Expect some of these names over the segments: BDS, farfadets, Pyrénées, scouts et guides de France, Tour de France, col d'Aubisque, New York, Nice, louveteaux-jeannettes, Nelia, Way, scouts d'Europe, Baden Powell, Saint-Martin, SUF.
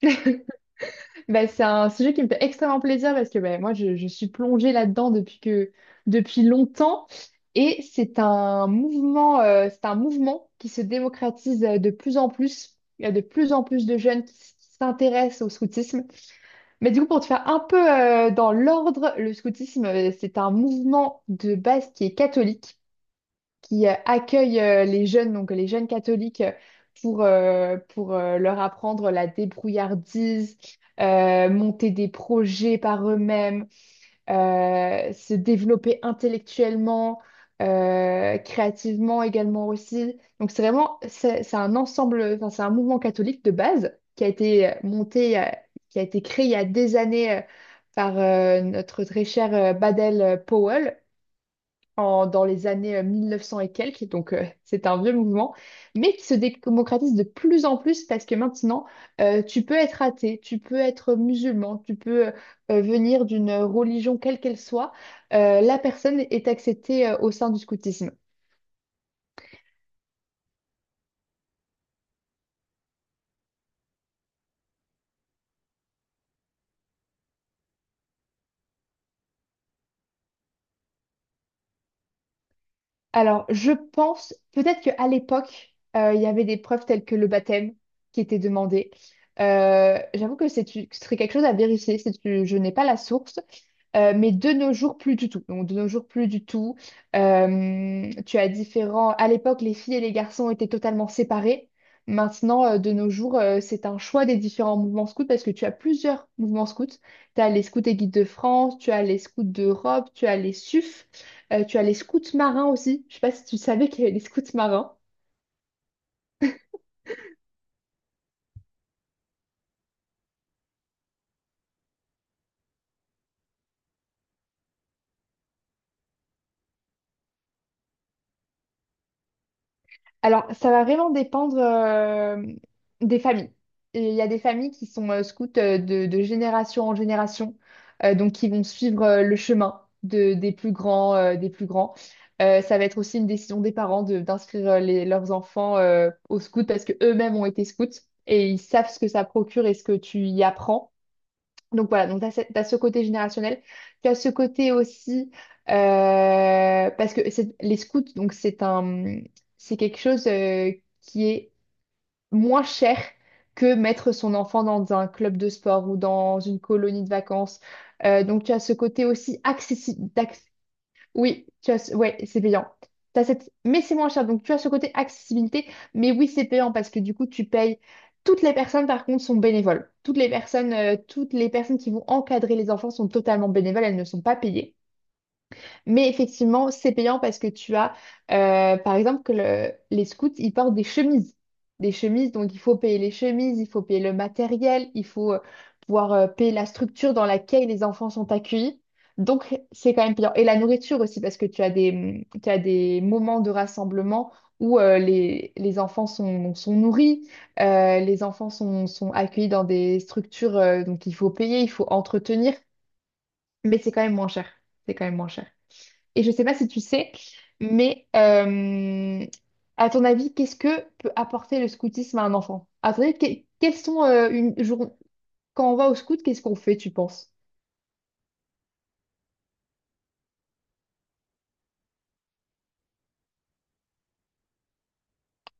Bah, c'est un sujet qui me fait extrêmement plaisir parce que bah, moi, je suis plongée là-dedans depuis longtemps. Et c'est un mouvement, c'est un mouvement qui se démocratise de plus en plus. Il y a de plus en plus de jeunes qui s'intéressent au scoutisme. Mais du coup, pour te faire un peu dans l'ordre, le scoutisme, c'est un mouvement de base qui est catholique qui accueille les jeunes, donc les jeunes catholiques, pour leur apprendre la débrouillardise, monter des projets par eux-mêmes, se développer intellectuellement, créativement également aussi. Donc c'est vraiment, c'est un ensemble, enfin, c'est un mouvement catholique de base qui a été monté, qui a été créé il y a des années par notre très cher Baden Powell dans les années 1900 et quelques, donc c'est un vieux mouvement, mais qui se démocratise de plus en plus parce que maintenant, tu peux être athée, tu peux être musulman, tu peux venir d'une religion quelle qu'elle soit, la personne est acceptée au sein du scoutisme. Alors, je pense peut-être qu'à l'époque, il y avait des preuves telles que le baptême qui était demandé. J'avoue que ce serait quelque chose à vérifier, je n'ai pas la source. Mais de nos jours, plus du tout. Donc, de nos jours, plus du tout. Tu as différents... À l'époque, les filles et les garçons étaient totalement séparés. Maintenant, de nos jours, c'est un choix des différents mouvements scouts parce que tu as plusieurs mouvements scouts. Tu as les scouts et guides de France, tu as les scouts d'Europe, tu as les SUF, tu as les scouts marins aussi. Je sais pas si tu savais qu'il y avait les scouts marins. Alors, ça va vraiment dépendre des familles. Et il y a des familles qui sont scouts de génération en génération, donc qui vont suivre le chemin des plus grands. Ça va être aussi une décision des parents d'inscrire leurs enfants au scout parce que eux-mêmes ont été scouts et ils savent ce que ça procure et ce que tu y apprends. Donc voilà, donc tu as, ce côté générationnel. Tu as ce côté aussi, parce que les scouts, donc c'est quelque chose qui est moins cher que mettre son enfant dans un club de sport ou dans une colonie de vacances. Donc tu as ce côté aussi accessible, oui, ouais, c'est payant. T'as cette... Mais c'est moins cher, donc tu as ce côté accessibilité. Mais oui, c'est payant parce que du coup, tu payes. Toutes les personnes, par contre, sont bénévoles. Toutes les personnes qui vont encadrer les enfants sont totalement bénévoles, elles ne sont pas payées. Mais effectivement, c'est payant parce que tu as, par exemple, que les scouts, ils portent des chemises. Des chemises, donc il faut payer les chemises, il faut payer le matériel, il faut pouvoir payer la structure dans laquelle les enfants sont accueillis. Donc, c'est quand même payant. Et la nourriture aussi, parce que tu as des moments de rassemblement où les enfants sont nourris, les enfants sont accueillis dans des structures, donc il faut payer, il faut entretenir, mais c'est quand même moins cher. C'est quand même moins cher. Et je ne sais pas si tu sais, mais à ton avis, qu'est-ce que peut apporter le scoutisme à un enfant? À ton avis, quels sont une jour quand on va au scout, qu'est-ce qu'on fait, tu penses?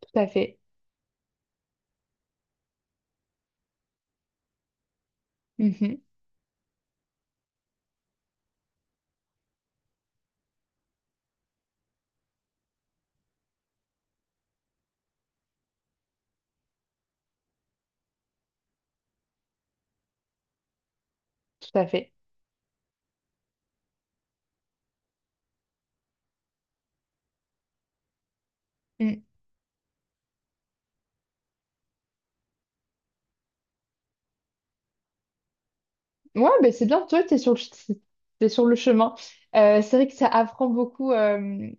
Tout à fait. Mhm. Tout à fait. Mm. Ouais, ben c'est bien, toi, t'es sur le chemin. C'est vrai que ça apprend beaucoup,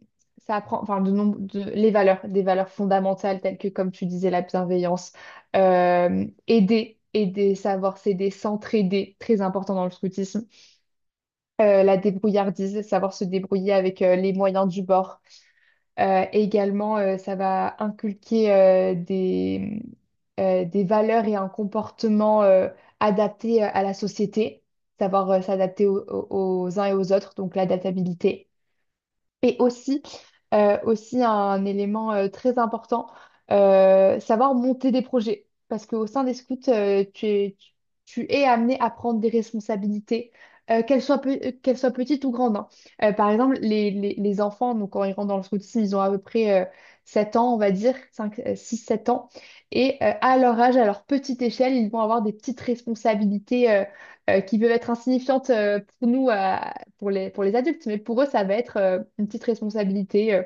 ça apprend, enfin, de, nombre- de, les valeurs, des valeurs fondamentales telles que, comme tu disais, la bienveillance, aider, savoir s'aider, s'entraider, très important dans le scoutisme. La débrouillardise, savoir se débrouiller avec les moyens du bord. Et également, ça va inculquer des valeurs et un comportement adapté à la société, savoir s'adapter aux uns et aux autres, donc l'adaptabilité. Et aussi, aussi un élément très important, savoir monter des projets. Parce qu'au sein des scouts, tu es amené à prendre des responsabilités, qu'elles soient petites ou grandes, hein. Par exemple, les enfants, donc, quand ils rentrent dans le scoutisme, ils ont à peu près 7 ans, on va dire, 5, 6, 7 ans. Et à leur âge, à leur petite échelle, ils vont avoir des petites responsabilités qui peuvent être insignifiantes pour nous, pour les adultes, mais pour eux, ça va être une petite responsabilité. euh.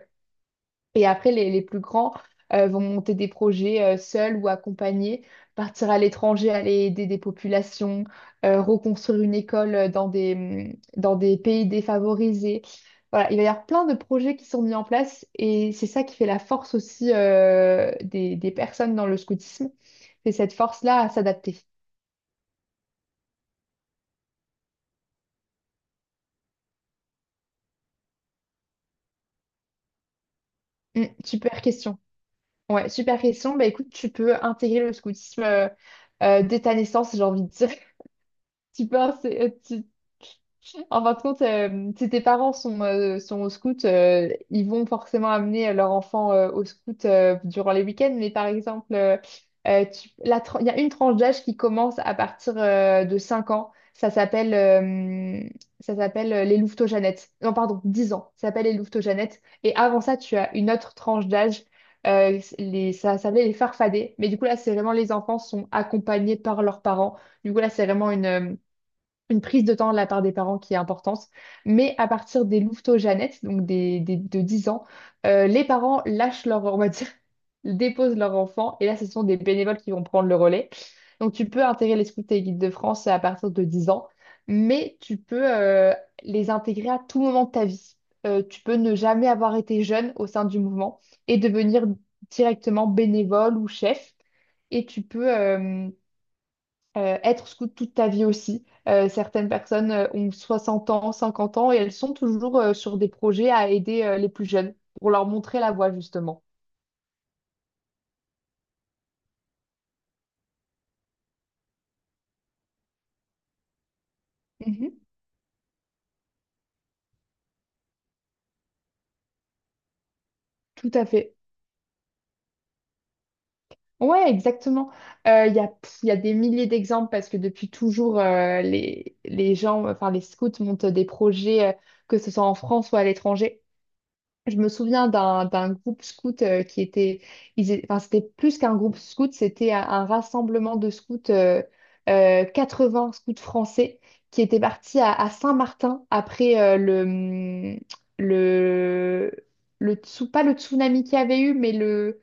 et après, les plus grands vont monter des projets seuls ou accompagnés, partir à l'étranger, aller aider des populations, reconstruire une école dans des pays défavorisés. Voilà, il va y avoir plein de projets qui sont mis en place et c'est ça qui fait la force aussi des personnes dans le scoutisme, c'est cette force-là à s'adapter. Super question. Ouais, super question. Bah écoute, tu peux intégrer le scoutisme dès ta naissance, j'ai envie de dire. Tu penses, tu... En fin de compte, si tes parents sont, sont au scout, ils vont forcément amener leur enfant au scout durant les week-ends. Mais par exemple, il y a une tranche d'âge qui commence à partir de 5 ans. Ça s'appelle les louveteaux-jeannettes. Non, pardon, 10 ans. Ça s'appelle les louveteaux-jeannettes. Et avant ça, tu as une autre tranche d'âge. Ça s'appelait les farfadets. Mais du coup, là, c'est vraiment les enfants sont accompagnés par leurs parents. Du coup, là, c'est vraiment une prise de temps de la part des parents qui est importante. Mais à partir des louveteaux-jeunettes, donc de 10 ans, les parents lâchent leur, on va dire, déposent leur enfant. Et là, ce sont des bénévoles qui vont prendre le relais. Donc, tu peux intégrer les scouts et les guides de France à partir de 10 ans, mais tu peux les intégrer à tout moment de ta vie. Tu peux ne jamais avoir été jeune au sein du mouvement et devenir directement bénévole ou chef. Et tu peux, être scout toute ta vie aussi. Certaines personnes ont 60 ans, 50 ans et elles sont toujours sur des projets à aider les plus jeunes pour leur montrer la voie justement. Mhm, tout à fait. Ouais, exactement. Il y a des milliers d'exemples parce que depuis toujours, les gens, enfin les scouts montent des projets, que ce soit en France ou à l'étranger. Je me souviens d'un groupe scout qui était, enfin, c'était plus qu'un groupe scout, c'était un rassemblement de scouts, 80 scouts français qui étaient partis à Saint-Martin après le, pas le tsunami qu'il y avait eu, mais le,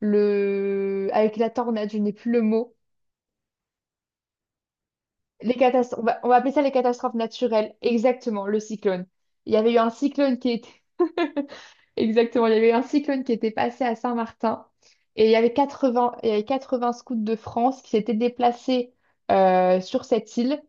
le, avec la tornade, je n'ai plus le mot. On va, appeler ça les catastrophes naturelles, exactement, le cyclone. Il y avait eu un cyclone qui était... Exactement, il y avait un cyclone qui était passé à Saint-Martin et il y avait 80 scouts de France qui s'étaient déplacés sur cette île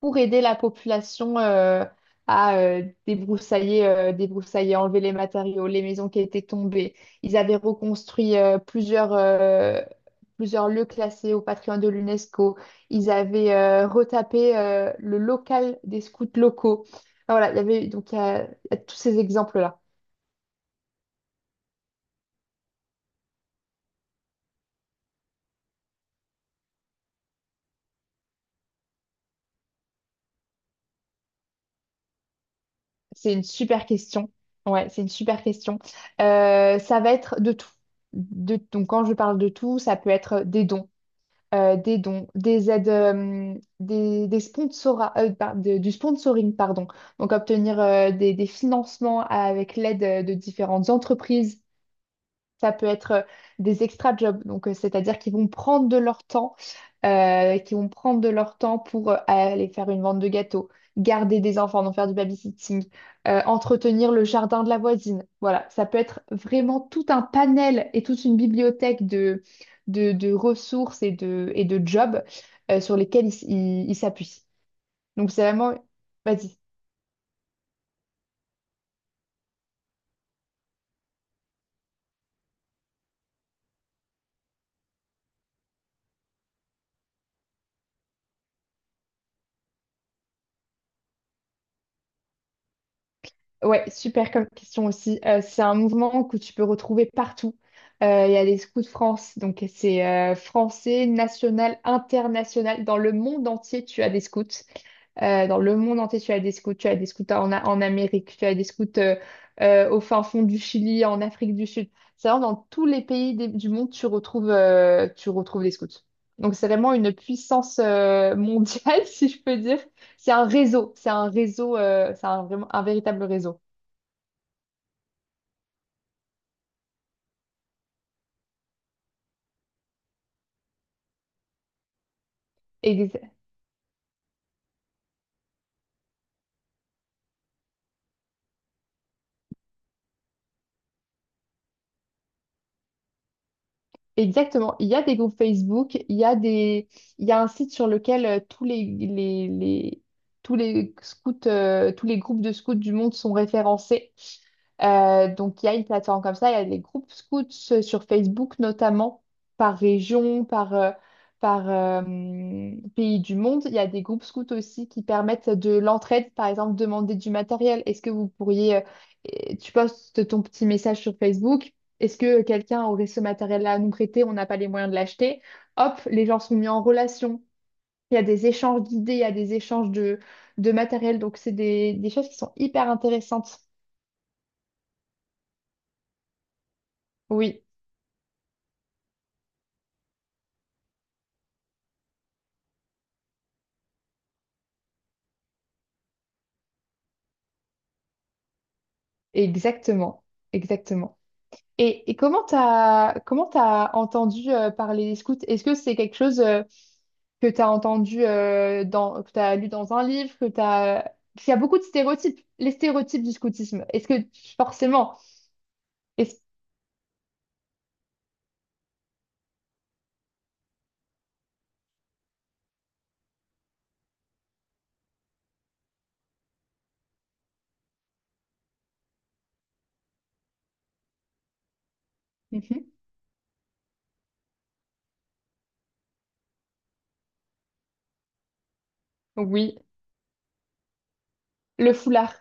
pour aider la population à débroussailler, enlever les matériaux, les maisons qui étaient tombées. Ils avaient reconstruit plusieurs lieux classés au patrimoine de l'UNESCO. Ils avaient retapé le local des scouts locaux. Enfin, voilà, il y avait donc il y a tous ces exemples-là. C'est une super question. Ouais, c'est une super question. Ça va être de tout. Donc, quand je parle de tout, ça peut être des dons, des aides, des sponsora- par- de- du sponsoring, pardon. Donc, obtenir des financements avec l'aide de différentes entreprises. Ça peut être des extra jobs, donc c'est-à-dire qu'ils vont prendre de leur temps, pour aller faire une vente de gâteaux, garder des enfants, donc faire du babysitting, entretenir le jardin de la voisine. Voilà, ça peut être vraiment tout un panel et toute une bibliothèque de ressources et de jobs sur lesquels ils s'appuient. Donc c'est vraiment... Vas-y. Ouais, super comme question aussi. C'est un mouvement que tu peux retrouver partout. Il y a les Scouts de France, donc c'est français, national, international. Dans le monde entier, tu as des scouts. Dans le monde entier, tu as des scouts. Tu as des scouts en Amérique, tu as des scouts au fin fond du Chili, en Afrique du Sud. C'est vraiment dans tous les pays du monde, tu retrouves des scouts. Donc c'est vraiment une puissance mondiale, si je peux dire. C'est un réseau, c'est un réseau, c'est un, vraiment un véritable réseau. Ex- Exactement. Il y a des groupes Facebook, il y a un site sur lequel tous tous les scouts, tous les groupes de scouts du monde sont référencés. Donc il y a une plateforme comme ça, il y a des groupes scouts sur Facebook notamment par région, par pays du monde. Il y a des groupes scouts aussi qui permettent de l'entraide, par exemple demander du matériel. Est-ce que vous pourriez, tu postes ton petit message sur Facebook. Est-ce que quelqu'un aurait ce matériel-là à nous prêter? On n'a pas les moyens de l'acheter. Hop, les gens sont mis en relation. Il y a des échanges d'idées, il y a des échanges de matériel. Donc, c'est des choses qui sont hyper intéressantes. Oui, exactement. Exactement. Et comment t'as entendu parler des scouts? Est-ce que c'est quelque chose que t'as entendu que t'as lu dans un livre, que t'as... Parce qu'il y a beaucoup de stéréotypes. Les stéréotypes du scoutisme. Est-ce que forcément... est-ce- Mhm. Oui. Le foulard.